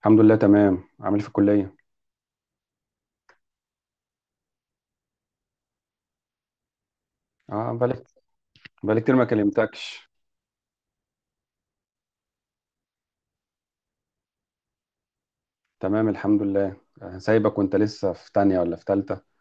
الحمد لله تمام. عامل إيه في الكلية؟ اه، بقالك بقالي كتير ما كلمتكش. تمام الحمد لله. سايبك وانت لسه في تانية ولا في تالتة؟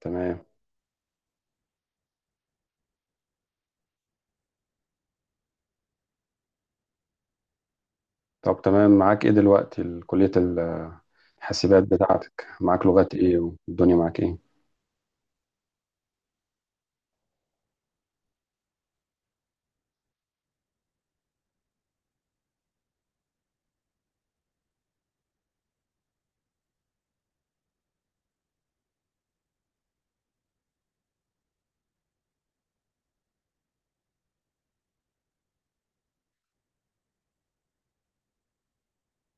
تمام طب تمام. معاك ايه دلوقتي كلية الحاسبات بتاعتك؟ معاك لغات ايه والدنيا معاك ايه؟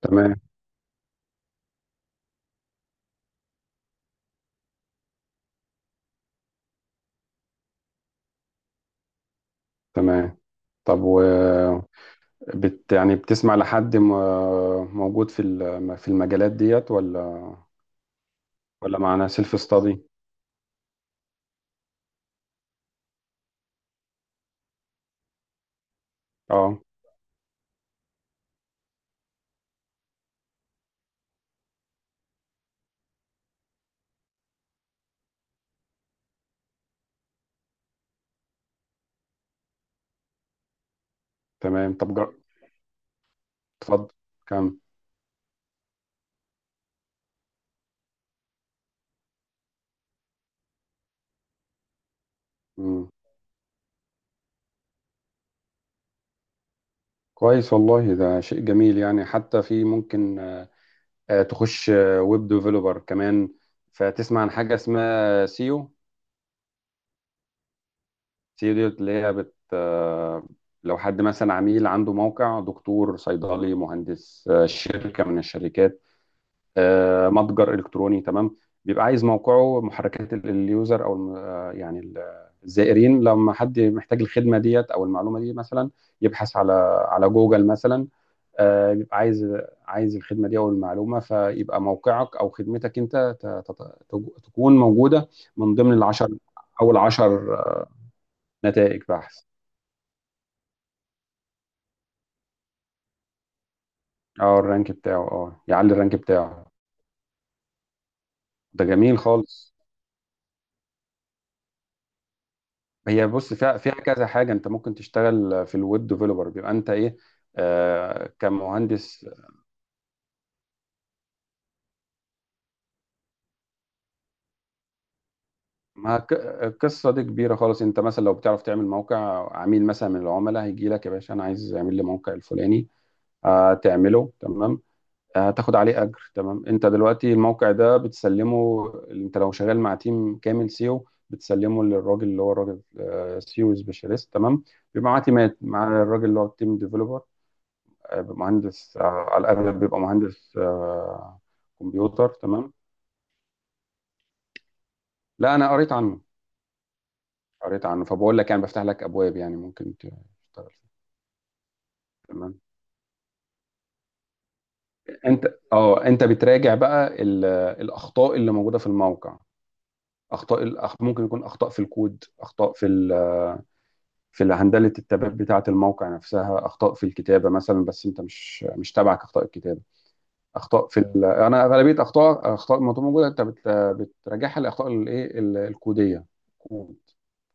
تمام تمام. طب و يعني بتسمع لحد موجود في المجالات ديت ولا ولا، معنا سيلف ستادي؟ اه تمام. اتفضل. كم؟ كويس والله، ده شيء جميل. يعني حتى في ممكن تخش ويب ديفلوبر كمان. فتسمع عن حاجة اسمها سيو؟ سيو دي اللي هي بت آه، لو حد مثلا عميل عنده موقع، دكتور، صيدلي، مهندس، شركة من الشركات، متجر إلكتروني، تمام؟ بيبقى عايز موقعه محركات اليوزر، أو الزائرين، لما حد محتاج الخدمة ديت أو المعلومة دي مثلا، يبحث على على جوجل مثلا. بيبقى عايز عايز الخدمه دي او المعلومه، فيبقى موقعك او خدمتك انت ت- ت- تكون موجوده من ضمن العشر، اول عشر نتائج بحث. اه الرانك بتاعه، اه يعلي الرانك بتاعه. ده جميل خالص. هي بص، فيها فيها كذا حاجه. انت ممكن تشتغل في الويب ديفلوبر، بيبقى انت ايه، آه كمهندس. ما ك- القصه دي كبيره خالص. انت مثلا لو بتعرف تعمل موقع، عميل مثلا من العملاء هيجي لك: يا باشا انا عايز اعمل لي موقع الفلاني، آه تعمله تمام، هتاخد عليه اجر تمام. انت دلوقتي الموقع ده بتسلمه، انت لو شغال مع تيم كامل سيو بتسلمه للراجل اللي هو الراجل، سيو سبيشاليست تمام. بيبقى معاه تيمات مع الراجل اللي هو التيم ديفلوبر، بيبقى مهندس على الاغلب، بيبقى مهندس كمبيوتر تمام. لا انا قريت عنه قريت عنه، فبقول لك يعني بفتح لك ابواب يعني ممكن تشتغل فيها. تمام. انت اه انت بتراجع بقى الاخطاء اللي موجوده في الموقع. ممكن يكون اخطاء في الكود، في هندلة التباب بتاعة الموقع نفسها، أخطاء في الكتابة مثلا، بس أنت مش تابعك أخطاء الكتابة. أنا غالبية أخطاء ما موجودة أنت بتراجعها لأخطاء الإيه الكودية، كود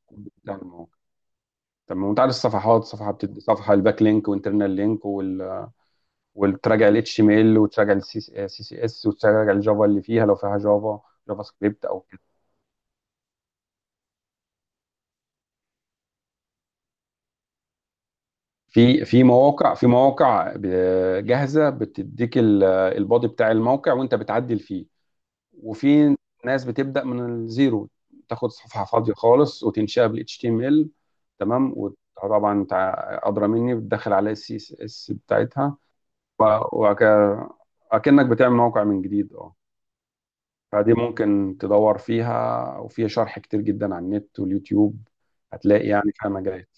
كود بتاع الموقع. طب ما أنت عارف الصفحات، صفحة بتدي صفحة، الباك لينك وانترنال لينك وال... وتراجع ال HTML وتراجع ال CCS وتراجع الجافا اللي فيها لو فيها جافا، جافا سكريبت أو كده. في مواقع، في مواقع جاهزة بتديك البادي بتاع الموقع وأنت بتعدل فيه، وفي ناس بتبدا من الزيرو، تاخد صفحه فاضيه خالص وتنشئها بال HTML. تمام. وطبعا انت ادرى مني، بتدخل عليها السي اس اس بتاعتها، وكأنك بتعمل موقع من جديد. اه فدي ممكن تدور فيها، وفيها شرح كتير جدا على النت واليوتيوب. هتلاقي يعني فيها مجالات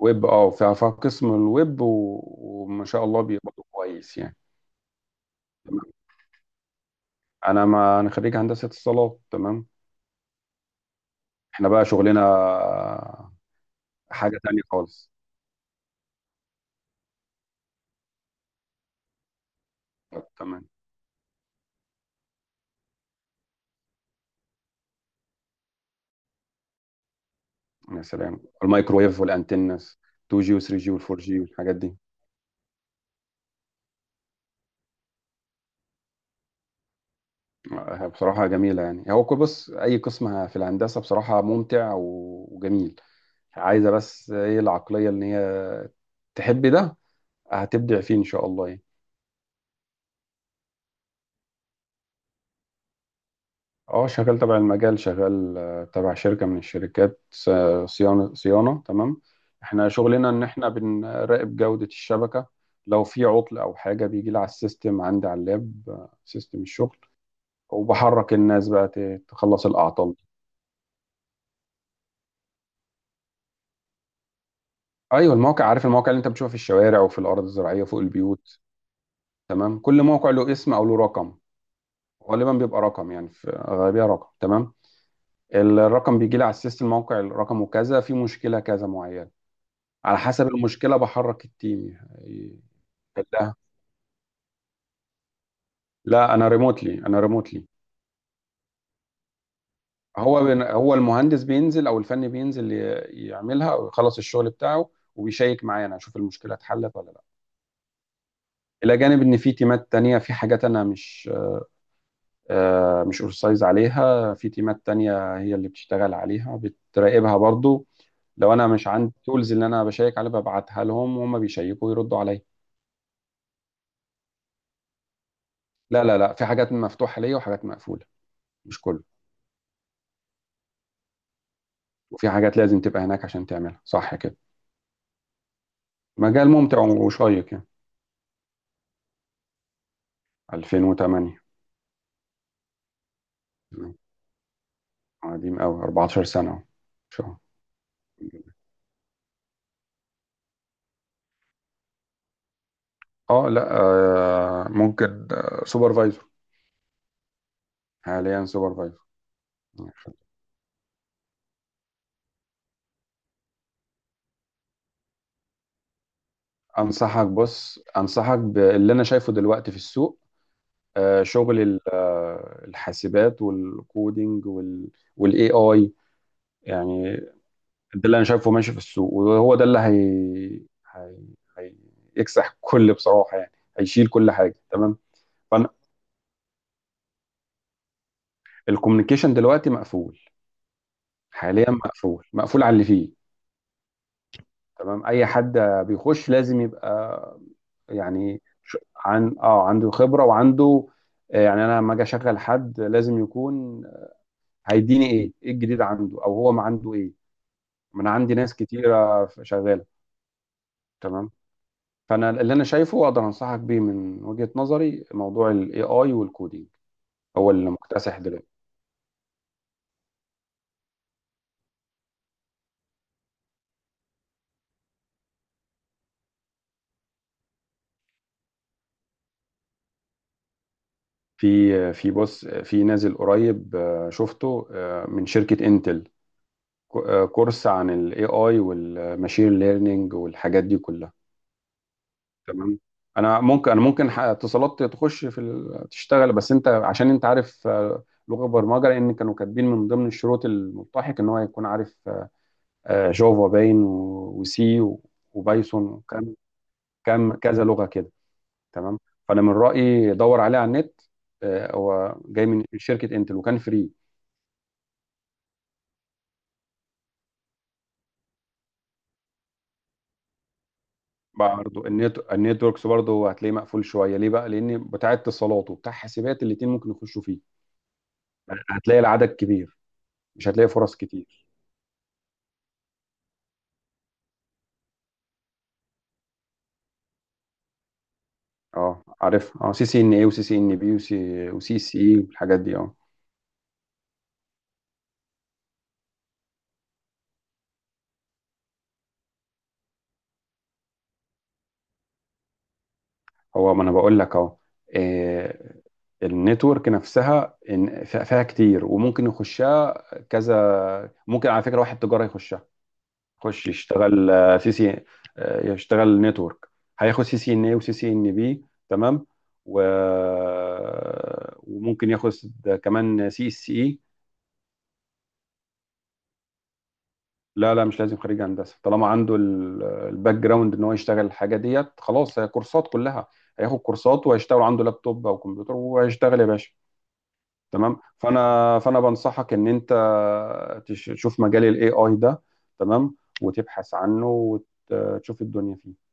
ويب، اه فيها فيها قسم الويب و وما شاء الله بيقبضوا كويس يعني. تمام. انا ما انا خريج هندسه اتصالات تمام. احنا بقى شغلنا حاجة تانية خالص. طب تمام. يا سلام، الميكروويف والأنتنس، 2G و3G وال4G والحاجات دي. بصراحة جميلة، يعني هو كل، بص، أي قسم في الهندسة بصراحة ممتع و وجميل عايزة بس إيه؟ العقلية إن هي تحب ده، هتبدع فيه إن شاء الله يعني. اه شغال تبع المجال، شغال تبع شركة من الشركات، صيانة، صيانة تمام. احنا شغلنا ان احنا بنراقب جودة الشبكة. لو في عطل او حاجة بيجي لي على السيستم عندي على اللاب، سيستم الشغل، وبحرك الناس بقى تخلص الاعطال. ايوه المواقع، عارف المواقع اللي انت بتشوفها في الشوارع وفي الارض الزراعية فوق البيوت؟ تمام. كل موقع له اسم او له رقم، غالبا بيبقى رقم يعني، في غالبية رقم تمام. الرقم بيجي لي على السيستم، موقع الرقم وكذا، في مشكلة كذا معينة، على حسب المشكله بحرك التيم. لا لا انا ريموتلي، انا ريموتلي. هو هو المهندس بينزل او الفني بينزل يعملها او يخلص الشغل بتاعه، وبيشيك معايا انا اشوف المشكله اتحلت ولا لا. الى جانب ان في تيمات تانية، في حاجات انا مش، مش اورسايز عليها، في تيمات تانية هي اللي بتشتغل عليها، بتراقبها برضو. لو انا مش عندي التولز اللي انا بشيك عليها، ببعتها لهم وهم بيشيكوا ويردوا عليا. لا، في حاجات مفتوحه ليا وحاجات مقفوله، مش كله، وفي حاجات لازم تبقى هناك عشان تعملها صح كده. مجال ممتع وشيق يعني. 2008. قديم قوي، 14 سنة اهو إن شاء الله. اه لا، آه ممكن سوبرفايزر، حاليا سوبرفايزر. انصحك، بص، انصحك باللي انا شايفه دلوقتي في السوق. آه شغل الحاسبات والكودينج والاي اي يعني. ده اللي انا شايفه ماشي في السوق، وهو ده اللي هي هيكسح كل بصراحه يعني، هيشيل كل حاجه تمام. فانا الكوميونيكيشن دلوقتي مقفول، حاليا مقفول، مقفول على اللي فيه. تمام. اي حد بيخش لازم يبقى، يعني ش- عن اه عنده خبره وعنده، يعني انا لما اجي اشغل حد لازم يكون هيديني ايه، ايه الجديد عنده او هو ما عنده ايه، ما انا عندي ناس كتيره شغاله تمام. فانا اللي انا شايفه واقدر انصحك بيه من وجهة نظري موضوع الاي اي والكودينج، هو اللي مكتسح دلوقتي. في نازل قريب، شفته، من شركة انتل، كورس عن الاي اي والماشين ليرنينج والحاجات دي كلها تمام. انا ممكن، انا ممكن، اتصالات تخش تشتغل، بس انت عشان انت عارف، لغة برمجة. لان كانوا كاتبين من ضمن الشروط الملتحق ان هو يكون عارف جافا باين وسي وبايثون والكلام، كام كذا لغه كده تمام. فانا من رايي دور عليه على النت، هو جاي من شركه انتل وكان فري. برضه النت، النتوركس برضه هتلاقيه مقفول شويه. ليه بقى؟ لان بتاع اتصالات وبتاع حاسبات الاثنين ممكن يخشوا فيه، هتلاقي العدد كبير، مش هتلاقي فرص كتير. اه عارف، اه سي سي ان اي وسي سي ان بي وسي، وسي سي اي والحاجات دي اه. هو ما انا بقول لك اهو، آه، النتورك نفسها فيها فيها كتير وممكن يخشها. كذا ممكن، على فكره، واحد تجاره يخشها، خش يشتغل، آه، سي سي آه، يشتغل نتورك، هياخد سي سي ان اي وسي سي ان بي تمام. و... وممكن ياخد كمان سي اس اي. لا مش لازم خريج هندسه، طالما عنده الباك جراوند ان هو يشتغل الحاجه ديت خلاص، هي كورسات كلها، هياخد كورسات وهيشتغل عنده لابتوب او كمبيوتر وهيشتغل يا باشا. تمام. فانا بنصحك ان انت تشوف مجال الاي اي ده تمام، وتبحث عنه، وتشوف الدنيا فيه